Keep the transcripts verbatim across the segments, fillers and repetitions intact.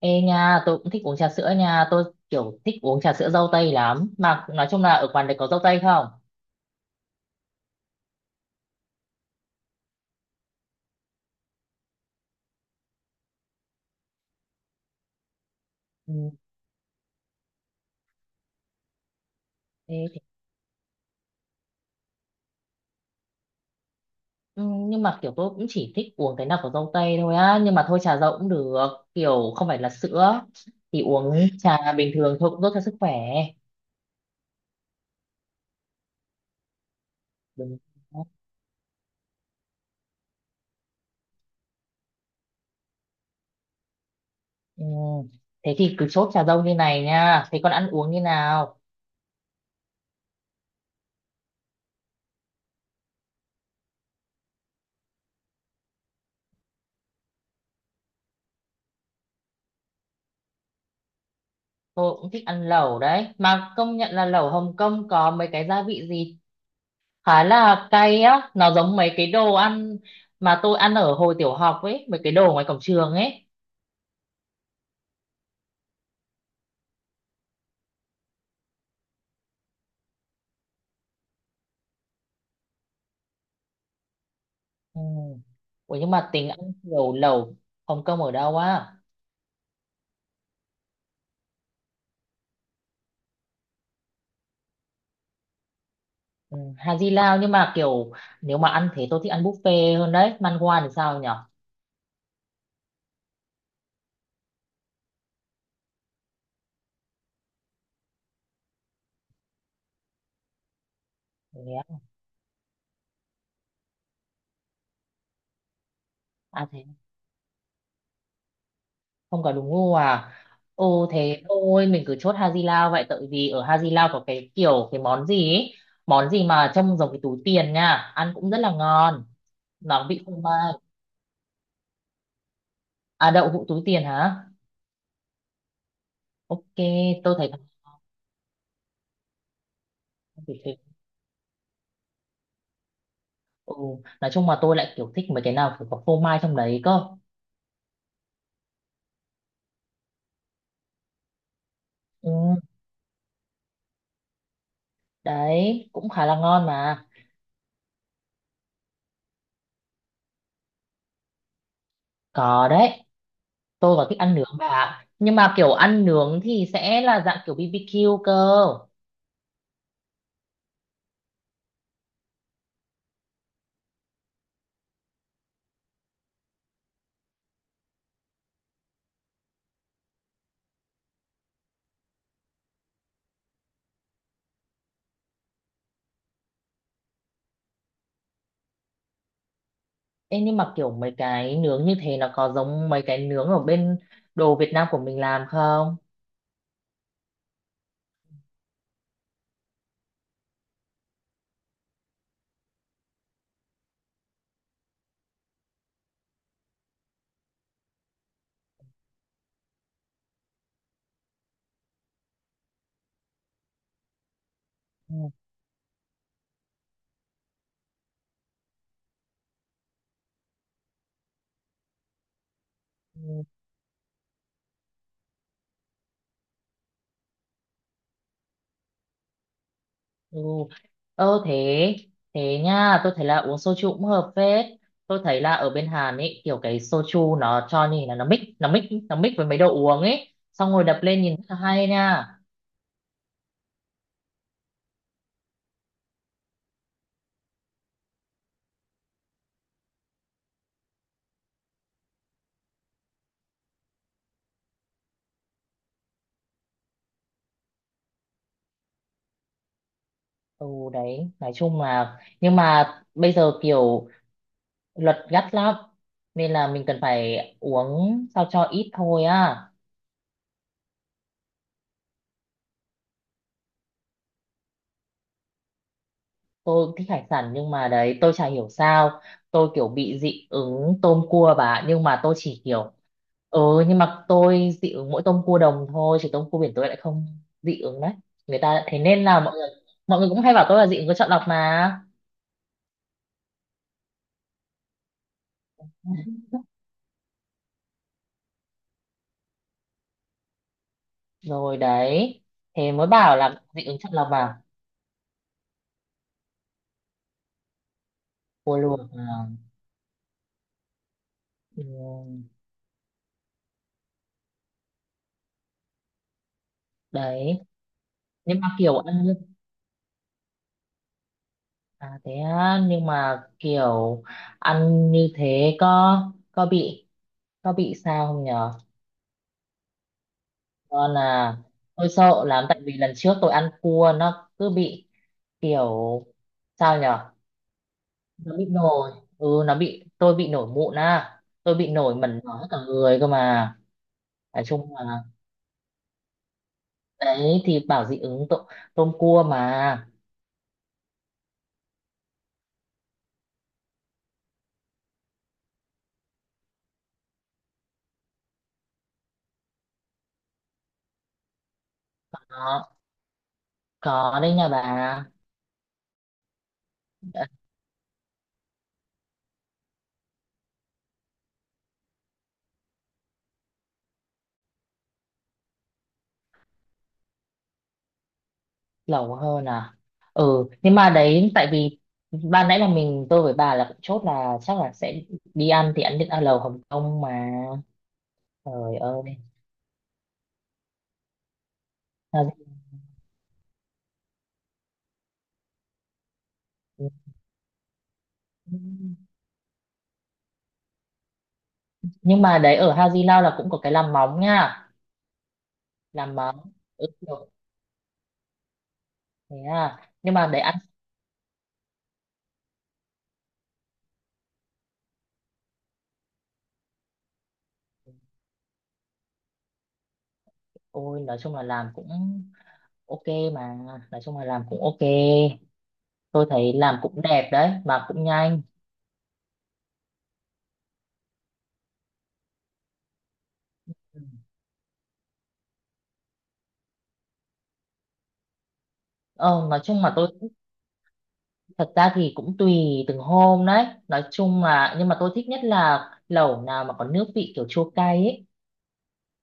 Ê nha, tôi cũng thích uống trà sữa nha, tôi kiểu thích uống trà sữa dâu tây lắm. Mà nói chung là ở quán đấy có dâu tây không? Ừ, thế thì- ừ, nhưng mà kiểu tôi cũng chỉ thích uống cái nào có dâu tây thôi á, nhưng mà thôi trà dâu cũng được, kiểu không phải là sữa. Thì uống trà bình thường thôi cũng tốt cho sức khỏe. Đúng. Ừ. Thế thì cứ chốt trà dâu như này nha, thế còn ăn uống như nào? Tôi cũng thích ăn lẩu đấy, mà công nhận là lẩu Hồng Kông có mấy cái gia vị gì khá là cay á, nó giống mấy cái đồ ăn mà tôi ăn ở hồi tiểu học ấy, mấy cái đồ ngoài cổng trường ấy. Ừ. Ủa nhưng mà tính ăn kiểu lẩu Hồng Kông ở đâu á? Ừ. Hà Di Lao, nhưng mà kiểu nếu mà ăn thế tôi thích ăn buffet hơn đấy. Man Wan thì sao nhở? Thế á. À thế, không có đúng gu à? Ồ thế thôi mình cứ chốt Hà Di Lao vậy, tại vì ở Hà Di Lao có cái kiểu cái món gì ấy, món gì mà trông giống cái túi tiền nha, ăn cũng rất là ngon. Nó vị phô mai. À đậu hũ túi tiền hả? Ok, tôi thấy ừ, nói chung mà tôi lại kiểu thích mấy cái nào phải có phô mai trong đấy cơ. Ừ, đấy, cũng khá là ngon mà. Có đấy, tôi còn thích ăn nướng bà ạ. Nhưng mà kiểu ăn nướng thì sẽ là dạng kiểu bi bi kiu cơ. Ê, nhưng mà kiểu mấy cái nướng như thế nó có giống mấy cái nướng ở bên đồ Việt Nam của mình làm không? Ừ. Ừ. Ừ. Ờ thế, thế nha, tôi thấy là uống soju cũng hợp phết. Tôi thấy là ở bên Hàn ấy kiểu cái soju nó cho nhìn là nó mix nó mix nó mix với mấy đồ uống ấy, xong rồi đập lên nhìn rất là hay nha. Ừ, đấy, nói chung là nhưng mà bây giờ kiểu luật gắt lắm, nên là mình cần phải uống sao cho ít thôi á. Tôi thích hải sản nhưng mà đấy, tôi chả hiểu sao tôi kiểu bị dị ứng tôm cua bà, nhưng mà tôi chỉ kiểu ừ, nhưng mà tôi dị ứng mỗi tôm cua đồng thôi, chứ tôm cua biển tôi lại không dị ứng đấy. Người ta thế nên là mọi người mọi người cũng hay bảo tôi là dị ứng có chọn lọc mà. Rồi đấy, thế mới bảo là dị ứng chọn lọc à. Cua luộc à? Ừ, đấy, nhưng mà kiểu ăn như- à thế á, nhưng mà kiểu ăn như thế có có bị, có bị sao không nhỉ? Còn là tôi sợ lắm, tại vì lần trước tôi ăn cua nó cứ bị kiểu, sao nhở, nó bị nổi, ừ nó bị, tôi bị nổi mụn á, tôi bị nổi mẩn ngó cả người cơ mà. Nói chung là đấy, thì bảo dị ứng tôm, tôm cua mà. có có đấy nha bà. Đã. Lẩu hơn à? Ừ nhưng mà đấy, tại vì ban nãy là mình, tôi với bà là cũng chốt là chắc là sẽ đi ăn thì ăn được, ăn lẩu Hồng Kông mà. Trời ơi. Sao- Ừ. Nhưng mà đấy ở Hà Di Lao là cũng có cái làm móng nha. Làm móng, ừ, được. Thế à, nhưng mà đấy ăn, ôi nói chung là làm cũng ok mà, nói chung là làm cũng ok. Tôi thấy làm cũng đẹp đấy mà cũng nhanh. Ừ. Ờ, nói chung mà tôi cũng- thật ra thì cũng tùy từng hôm đấy, nói chung là nhưng mà tôi thích nhất là lẩu nào mà có nước vị kiểu chua cay ấy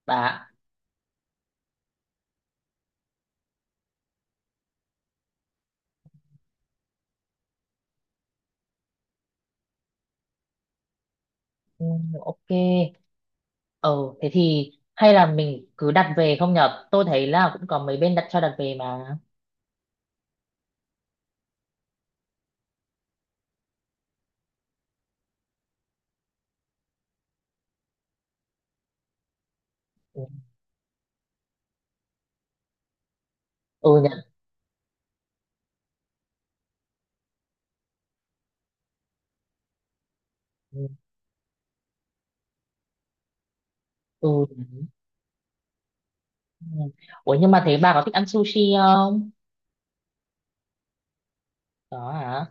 bà. Ừ, ok. Ừ thế thì hay là mình cứ đặt về không nhở? Tôi thấy là cũng có mấy bên đặt cho, đặt về mà. Ừ. Ừ nhở. Ừ. Ừ. Ừ. Ủa nhưng mà thế bà có thích ăn sushi không? Đó hả?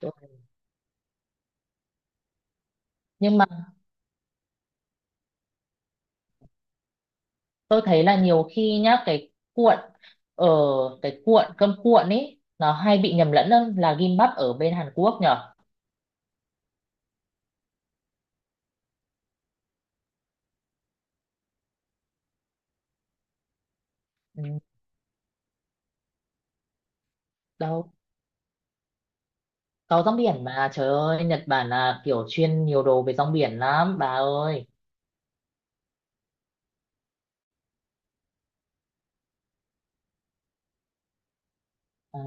Tôi- nhưng mà tôi thấy là nhiều khi nhá, cái cuộn, ở cái cuộn cơm cuộn ấy nó hay bị nhầm lẫn lắm là gimbap ở bên Hàn Quốc nhở. Ừ. Đâu, có rong biển mà, trời ơi, Nhật Bản là kiểu chuyên nhiều đồ về rong biển lắm bà ơi. À,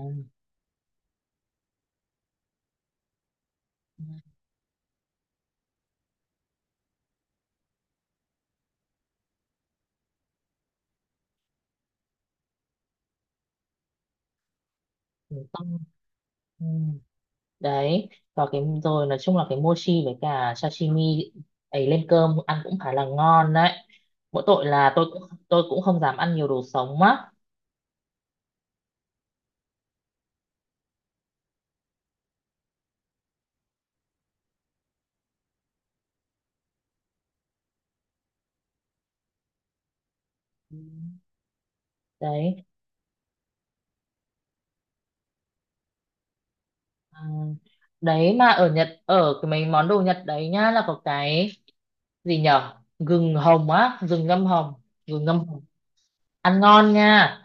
ừ, xong, ừ. Đấy, và cái rồi nói chung là cái mochi với cả sashimi ấy lên cơm ăn cũng khá là ngon đấy. Mỗi tội là tôi cũng tôi cũng không dám ăn nhiều đồ sống á. Ừ. Đấy. À, đấy mà ở Nhật, ở cái mấy món đồ Nhật đấy nhá, là có cái gì nhở, gừng hồng á, gừng ngâm hồng, gừng ngâm hồng ăn ngon nha.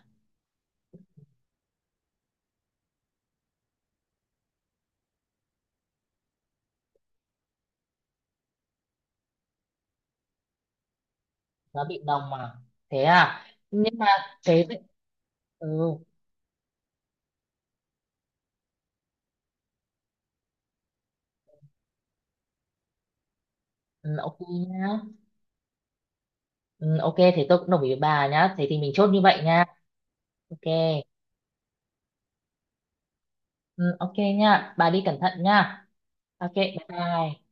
Nó bị nồng mà. Thế à, nhưng mà thế thì- ừ, ừ ok nhá. Ừ, ok thế tôi cũng đồng ý với bà nhá, thế thì mình chốt như vậy nha. Ok. Ừ, ok nha. Bà đi cẩn thận nha. Ok, bye bye.